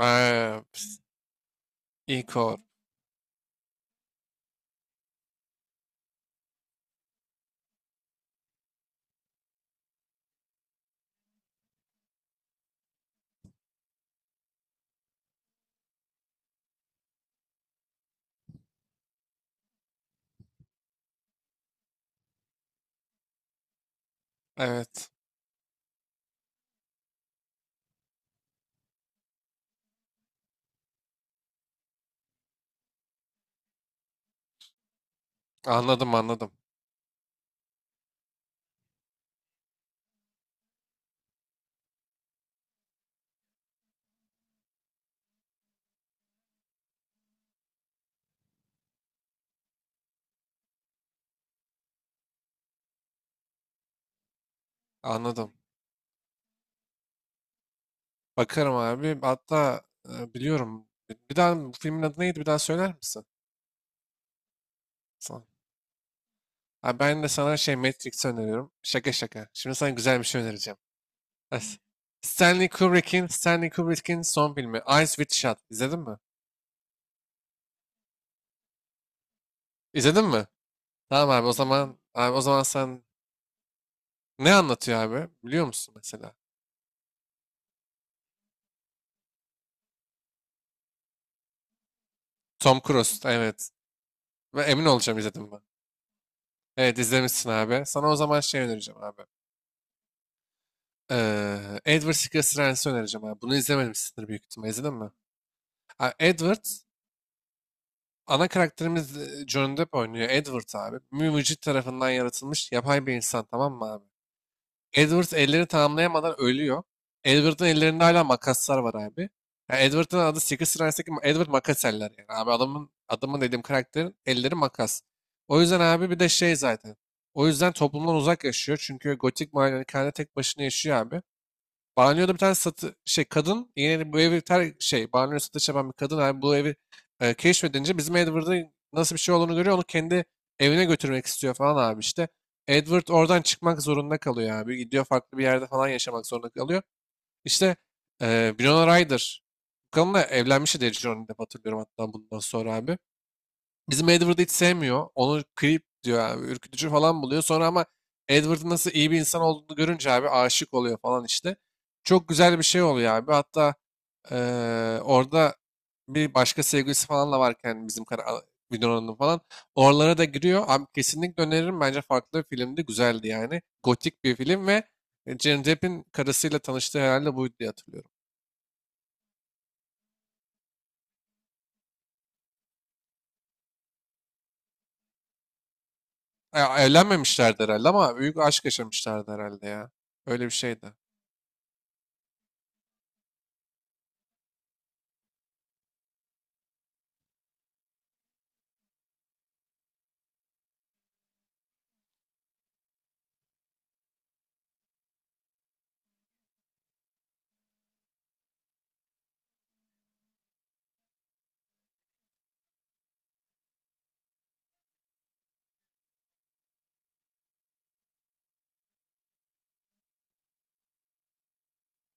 Eee, ps- İKOR. Evet. Anladım anladım. Anladım. Bakarım abi. Hatta biliyorum. Bir daha bu filmin adı neydi? Bir daha söyler misin? Sana. Abi ben de sana şey Matrix öneriyorum. Şaka şaka. Şimdi sana güzel bir şey önereceğim. Es- Stanley Kubrick'in son filmi Eyes Wide Shut. İzledin mi? İzledin mi? Tamam abi, o zaman abi o zaman sen ne anlatıyor abi? Biliyor musun mesela? Tom Cruise. Evet. Ve emin olacağım, izledim ben. Evet, izlemişsin abi. Sana o zaman şey önereceğim abi. Edward Scissorhands'ı önereceğim abi. Bunu izlememişsindir büyük ihtimalle. İzledin mi? Ha, Edward, ana karakterimiz Johnny Depp oynuyor. Edward abi. Mümücit tarafından yaratılmış yapay bir insan, tamam mı abi? Edward elleri tamamlayamadan ölüyor. Edward'ın ellerinde hala makaslar var abi. Yani Edward'ın adı Secret Service'deki Edward Makaseller yani. Abi adamın dediğim karakterin elleri makas. O yüzden abi bir de şey zaten. O yüzden toplumdan uzak yaşıyor. Çünkü gotik malikanede tek başına yaşıyor abi. Banyoda bir tane satı şey kadın, yine bu evi ter şey banyo satış yapan bir kadın abi, bu evi keşfedince bizim Edward'ın nasıl bir şey olduğunu görüyor, onu kendi evine götürmek istiyor falan abi işte. Edward oradan çıkmak zorunda kalıyor abi. Gidiyor, farklı bir yerde falan yaşamak zorunda kalıyor. İşte Winona Ryder. Bu kadınla evlenmişti diye Johnny Depp hatırlıyorum, hatta bundan sonra abi. Bizim Edward'ı hiç sevmiyor. Onu creep diyor abi. Ürkütücü falan buluyor. Sonra ama Edward'ın nasıl iyi bir insan olduğunu görünce abi aşık oluyor falan işte. Çok güzel bir şey oluyor abi. Hatta eee, orada bir başka sevgilisi falan da varken bizim Winona'nın falan. Oralara da giriyor. Abi kesinlikle öneririm. Bence farklı bir filmdi. Güzeldi yani. Gotik bir film ve Johnny Depp'in karısıyla tanıştığı herhalde buydu diye hatırlıyorum. Ya, evlenmemişlerdi herhalde ama büyük aşk yaşamışlardı herhalde ya. Öyle bir şeydi.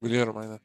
Biliyorum, aynen.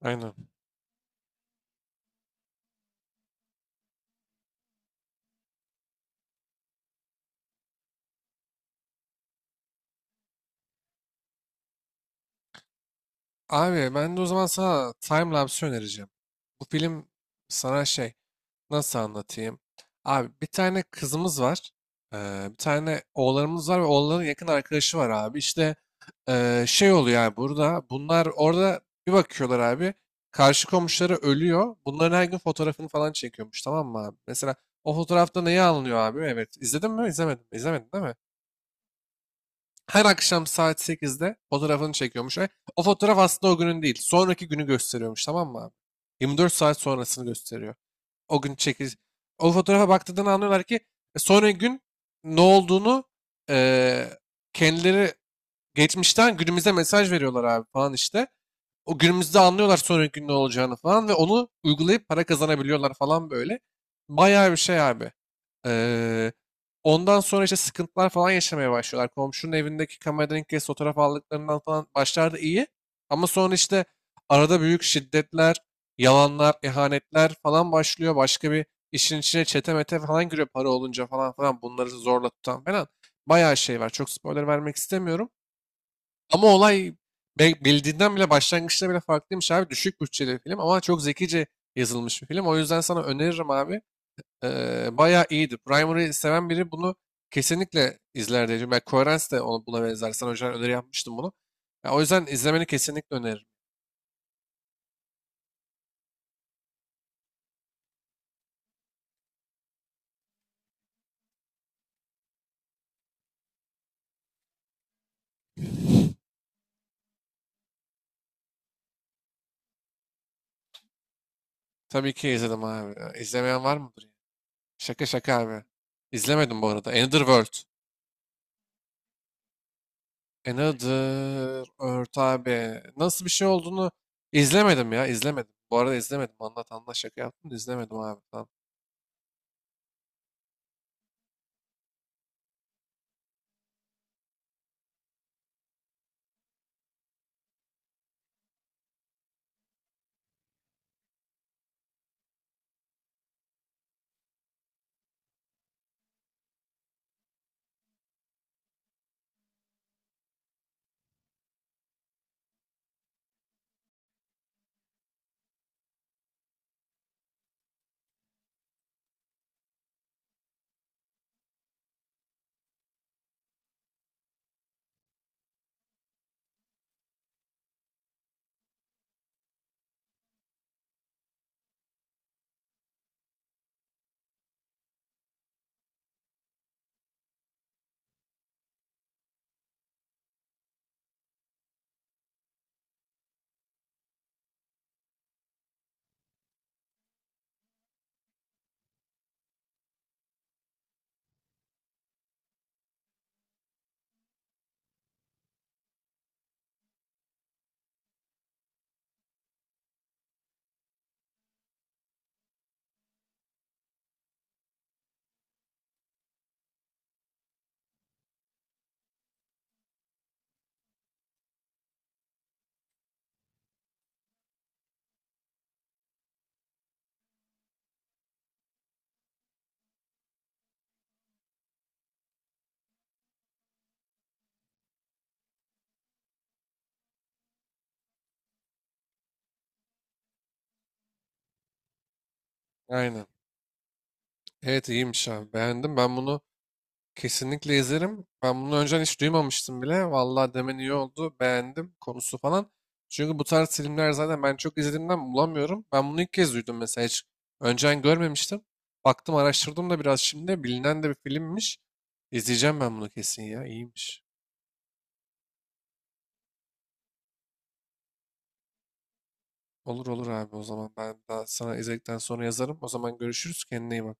Aynen. Abi ben de o zaman sana timelapse önereceğim. Bu film sana şey, nasıl anlatayım? Abi bir tane kızımız var. Bir tane oğlanımız var ve oğlanın yakın arkadaşı var abi. İşte şey oluyor yani burada. Bunlar orada bir bakıyorlar abi. Karşı komşuları ölüyor. Bunların her gün fotoğrafını falan çekiyormuş, tamam mı abi? Mesela o fotoğrafta neyi anlıyor abi? Evet. İzledin mi? İzlemedin mi? İzlemedin değil mi? Her akşam saat sekizde fotoğrafını çekiyormuş ve o fotoğraf aslında o günün değil. Sonraki günü gösteriyormuş, tamam mı abi? 24 saat sonrasını gösteriyor. O gün çekil. O fotoğrafa baktığından anlıyorlar ki sonraki gün ne olduğunu, e, kendileri geçmişten günümüze mesaj veriyorlar abi falan işte. O günümüzde anlıyorlar sonraki gün ne olacağını falan ve onu uygulayıp para kazanabiliyorlar falan, böyle. Bayağı bir şey abi. Ee, ondan sonra işte sıkıntılar falan yaşamaya başlıyorlar. Komşunun evindeki kameradan ilk kez fotoğraf aldıklarından falan, başlarda iyi. Ama sonra işte arada büyük şiddetler, yalanlar, ihanetler falan başlıyor. Başka bir işin içine çete mete falan giriyor, para olunca falan falan bunları zorla tutan falan. Bayağı şey var. Çok spoiler vermek istemiyorum. Ama olay bildiğinden bile, başlangıçta bile farklıymış abi. Düşük bütçeli bir film ama çok zekice yazılmış bir film. O yüzden sana öneririm abi. Bayağı iyiydi. Primary'i seven biri bunu kesinlikle izler diyeceğim. Ben Coherence de ona, buna benzer. Sana önceden öneri yapmıştım bunu. Ya, o yüzden izlemeni kesinlikle öneririm. Tabii ki izledim abi. Ya, İzlemeyen var mıdır ya? Şaka şaka abi. İzlemedim bu arada. Another World. E, nedir? Ört abi. Nasıl bir şey olduğunu izlemedim ya. İzlemedim. Bu arada izlemedim. Anlat anlat, şaka yaptım da izlemedim abi. Tamam. Aynen. Evet, iyiymiş abi. Beğendim. Ben bunu kesinlikle izlerim. Ben bunu önceden hiç duymamıştım bile. Vallahi demen iyi oldu. Beğendim konusu falan. Çünkü bu tarz filmler zaten ben çok izlediğimden bulamıyorum. Ben bunu ilk kez duydum mesela. Hiç önceden görmemiştim. Baktım, araştırdım da biraz şimdi. Bilinen de bir filmmiş. İzleyeceğim ben bunu kesin ya. İyiymiş. Olur olur abi, o zaman ben daha sana izledikten sonra yazarım. O zaman görüşürüz, kendine iyi bak.